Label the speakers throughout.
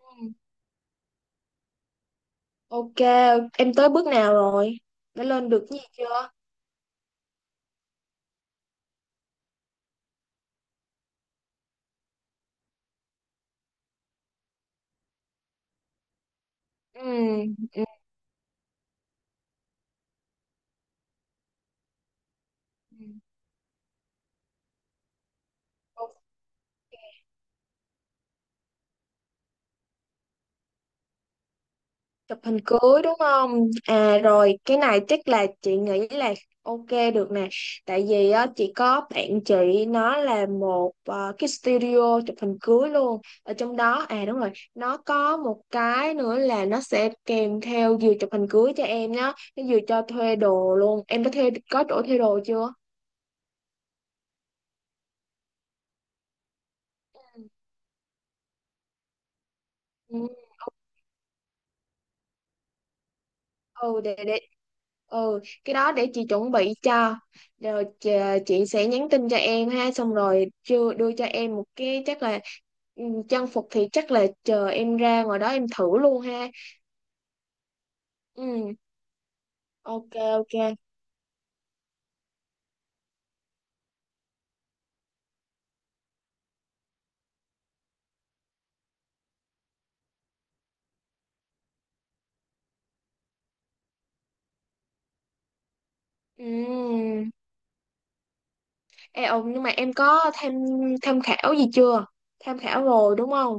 Speaker 1: Ừ, ok, em tới bước nào rồi? Đã lên được cái gì chưa? Ừ, ừ. Ừ. Chụp hình cưới đúng không? À rồi, cái này chắc là chị nghĩ là ok, được nè. Tại vì á, chị có bạn chị nó là một cái studio chụp hình cưới luôn. Ở trong đó, à đúng rồi, nó có một cái nữa là nó sẽ kèm theo vừa chụp hình cưới cho em nhá. Nó vừa cho thuê đồ luôn. Em đã thuê, có chỗ thuê đồ chưa? Ừ. Ừ, để ừ cái đó để chị chuẩn bị cho. Rồi chị sẽ nhắn tin cho em ha, xong rồi chưa đưa cho em một cái chắc là ừ, trang phục thì chắc là chờ em ra ngoài đó em thử luôn ha. Ừ, ok, ok, ừ. Ê, ừ, nhưng mà em có tham tham khảo gì chưa? Tham khảo rồi đúng không?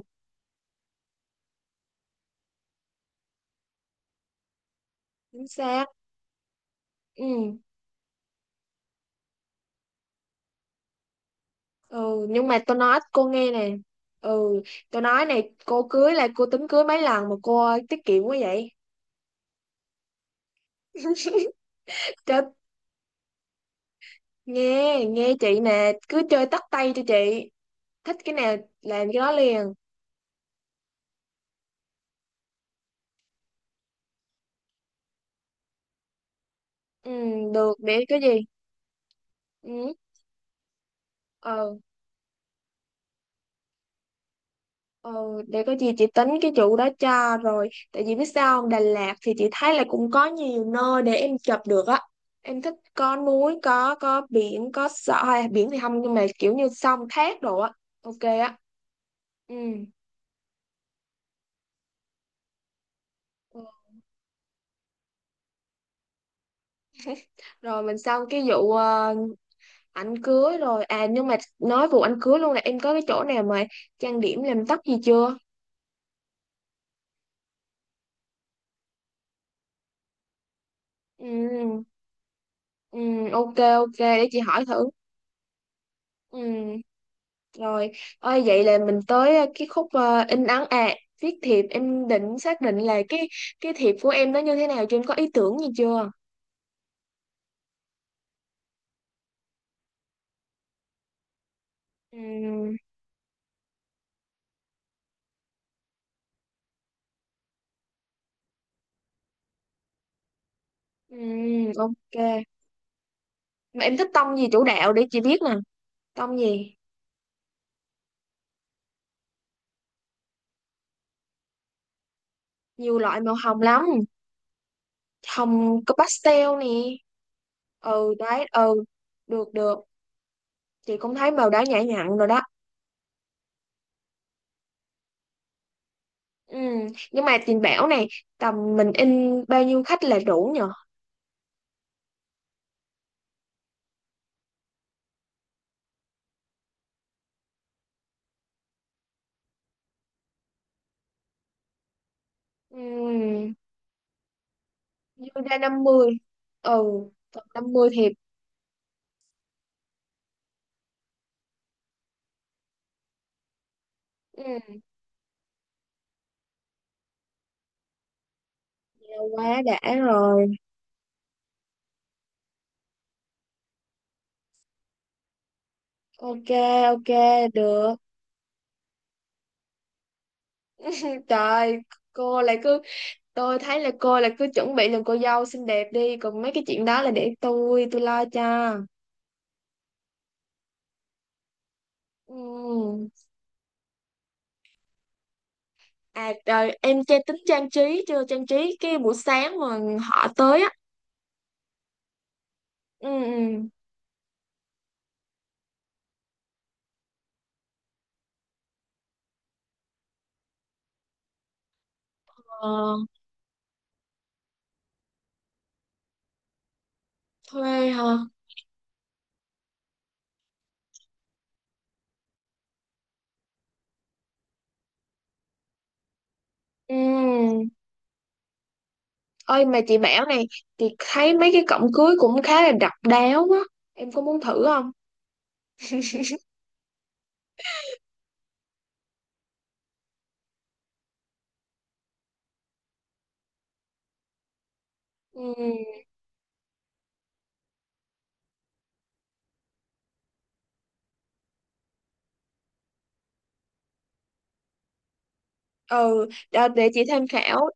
Speaker 1: Chính xác. Ừ, ừ, nhưng mà tôi nói cô nghe nè, ừ, tôi nói này, cô cưới là cô tính cưới mấy lần mà cô tiết kiệm quá vậy? Chết. Nghe nghe chị nè, cứ chơi tắt tay cho chị, thích cái nào làm cái đó liền. Ừ, được, để có gì ừ, ờ, ờ, để có gì chị tính cái chủ đó cho. Rồi tại vì biết sao không, Đà Lạt thì chị thấy là cũng có nhiều nơi để em chụp được á. Em thích có núi, có biển, có sợ à, biển thì không nhưng mà kiểu như sông thác đồ á. Ok á. Ừ, rồi mình xong cái vụ ảnh cưới rồi, à nhưng mà nói vụ ảnh cưới luôn, là em có cái chỗ nào mà trang điểm làm tóc gì chưa? Ừ, ừ, ok, ok, để chị hỏi thử. Ừ, rồi, ơi vậy là mình tới cái khúc in ấn à, viết thiệp, em định xác định là cái thiệp của em nó như thế nào, chứ em có ý tưởng gì chưa? Ừ, ừ, ok, mà em thích tông gì chủ đạo để chị biết nè? Tông gì? Nhiều loại màu hồng lắm, hồng có pastel nè. Ừ đấy, ừ, được được, chị cũng thấy màu đỏ nhã nhặn rồi đó. Ừ. Nhưng mà chị bảo này, tầm mình in bao nhiêu khách là đủ nhờ? Ừ. Dư ra 50. Ừ, tầm 50 thiệp. Ừ. Quá đã rồi. Ok, ok, được. Trời, cô lại cứ, tôi thấy là cô lại cứ chuẩn bị làm cô dâu xinh đẹp đi, còn mấy cái chuyện đó là để tôi lo cho. Ừ. À rồi em chơi tính trang trí chưa, trang trí cái buổi sáng mà họ tới á. Ừ, ừ. Ờ, thuê hả? Ừ. Ơi mà chị bảo này, chị thấy mấy cái cổng cưới cũng khá là độc đáo á. Em có muốn thử không? Ừ. Ừ, đó, để chị tham khảo,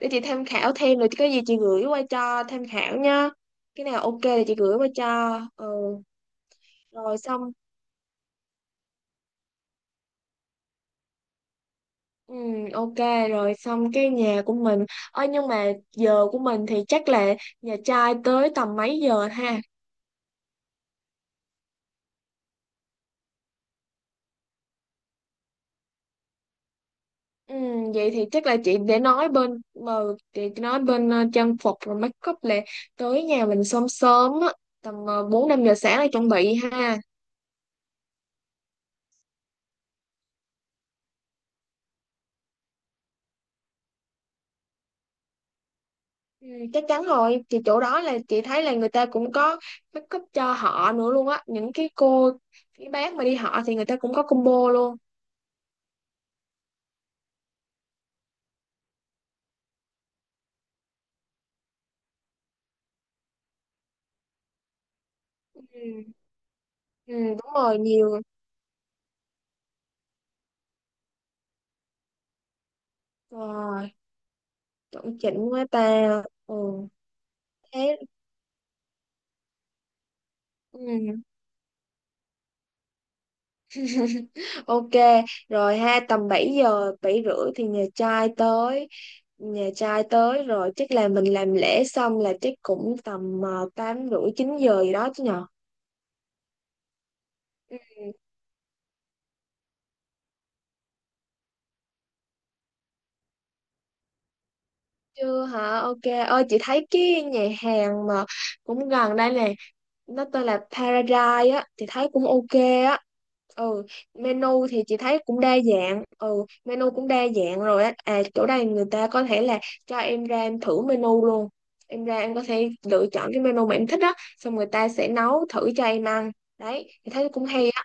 Speaker 1: để chị tham khảo thêm rồi có gì chị gửi qua cho tham khảo nha. Cái nào ok thì chị gửi qua cho. Ừ, rồi xong. Ừ, ok, rồi xong cái nhà của mình. Ơi nhưng mà giờ của mình thì chắc là nhà trai tới tầm mấy giờ ha? Ừ, vậy thì chắc là chị nói bên trang phục rồi make up là tới nhà mình sớm sớm á, tầm bốn năm giờ sáng là chuẩn bị ha. Ừ, chắc chắn rồi thì chỗ đó là chị thấy là người ta cũng có make up cho họ nữa luôn á, những cái cô cái bác mà đi họ thì người ta cũng có combo luôn. Ừ, ừ đúng rồi, nhiều rồi, chuẩn chỉnh quá ta. Ừ, thế. Ừ. Ok, rồi ha, tầm 7 giờ, 7 rưỡi thì nhà trai tới. Nhà trai tới rồi chắc là mình làm lễ xong là chắc cũng tầm 8 rưỡi 9 giờ gì đó chứ nhờ. Ừ, chưa hả? Ok. Ơi chị thấy cái nhà hàng mà cũng gần đây nè, nó tên là Paradise á thì thấy cũng ok á. Ừ, menu thì chị thấy cũng đa dạng, ừ menu cũng đa dạng rồi á. À chỗ đây người ta có thể là cho em ra em thử menu luôn, em ra em có thể lựa chọn cái menu mà em thích á xong người ta sẽ nấu thử cho em ăn. Đấy thì thấy cũng hay á.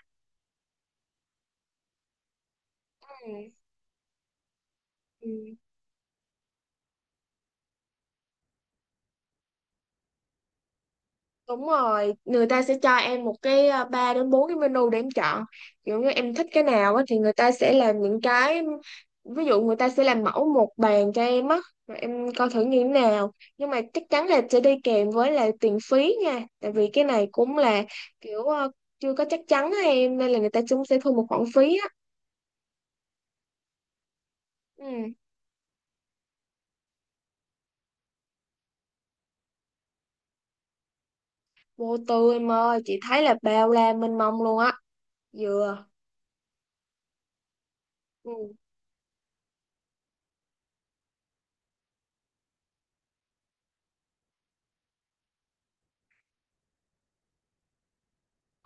Speaker 1: Ừ. Ừ. Đúng rồi, người ta sẽ cho em một cái à, ba đến bốn cái menu để em chọn. Kiểu như em thích cái nào á thì người ta sẽ làm những cái, ví dụ người ta sẽ làm mẫu một bàn cho em á, rồi em coi thử như thế nào. Nhưng mà chắc chắn là sẽ đi kèm với là tiền phí nha. Tại vì cái này cũng là kiểu à, chưa có chắc chắn á em, nên là người ta cũng sẽ thu một khoản phí á. Ừ, vô tư em ơi, chị thấy là bao la mênh mông luôn á. Dừa. Ừ.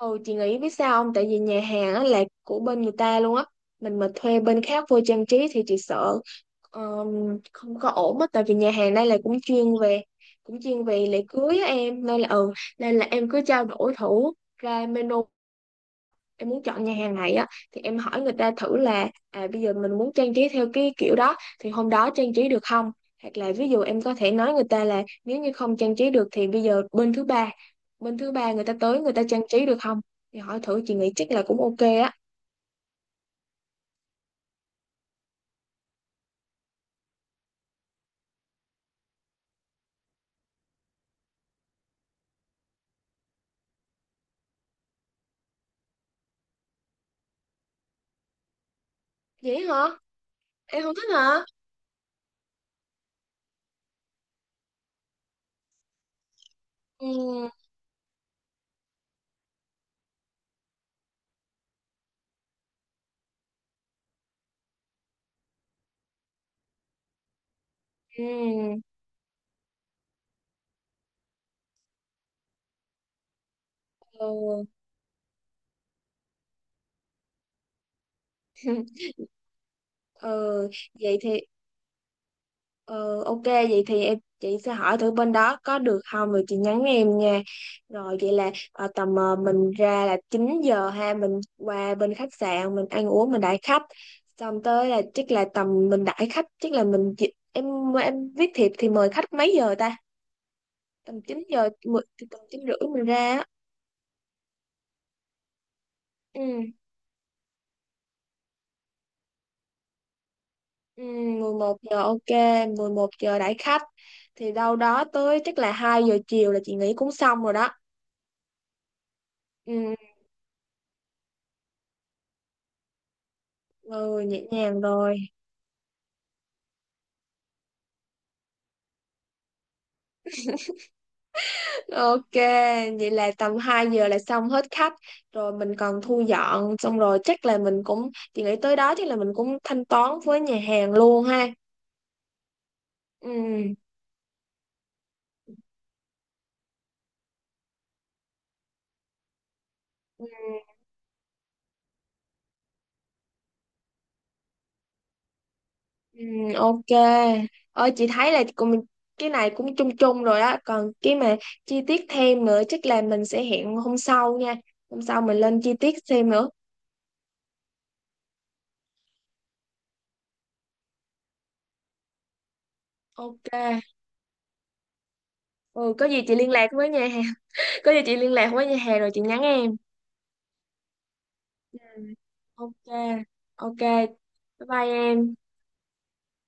Speaker 1: Ừ chị nghĩ biết sao không? Tại vì nhà hàng á là của bên người ta luôn á. Mình mà thuê bên khác vô trang trí thì chị sợ không có ổn á. Tại vì nhà hàng đây là cũng chuyên về lễ cưới á em. Nên là ừ, nên là em cứ trao đổi thử ra menu, em muốn chọn nhà hàng này á thì em hỏi người ta thử là à, bây giờ mình muốn trang trí theo cái kiểu đó thì hôm đó trang trí được không, hoặc là ví dụ em có thể nói người ta là nếu như không trang trí được thì bây giờ bên thứ ba người ta tới người ta trang trí được không. Thì hỏi thử chị nghĩ chắc là cũng ok á. Vậy hả, em không thích hả? Ừ, ừ, ừ. Ừ. Vậy thì Ờ, ok vậy thì chị sẽ hỏi thử bên đó có được không rồi chị nhắn em nha. Rồi vậy là tầm mình ra là 9 giờ ha, mình qua bên khách sạn mình ăn uống mình đãi khách, xong tới là chắc là tầm mình đãi khách chắc là mình em viết thiệp thì mời khách mấy giờ ta? tầm 9 giờ mười- Tầm 9 rưỡi mình ra á. Ừ, ừ, 11 giờ ok, 11 giờ đãi khách thì đâu đó tới chắc là 2 giờ chiều là chị nghĩ cũng xong rồi đó. Ừ, ừ nhẹ nhàng rồi. Ok, vậy là tầm 2 giờ là xong hết khách, rồi mình còn thu dọn xong rồi chắc là mình cũng, chị nghĩ tới đó chắc là mình cũng thanh toán với nhà hàng luôn ha. Ừ. Ừ. Ừ, ok. Ơi chị thấy là cũng, cái này cũng chung chung rồi á, còn cái mà chi tiết thêm nữa chắc là mình sẽ hẹn hôm sau nha. Hôm sau mình lên chi tiết thêm nữa. Ok. Ừ có gì chị liên lạc với nhà hàng. Có gì chị liên lạc với nhà hàng rồi chị nhắn em. Ừ. Ok, ok. Bye bye em.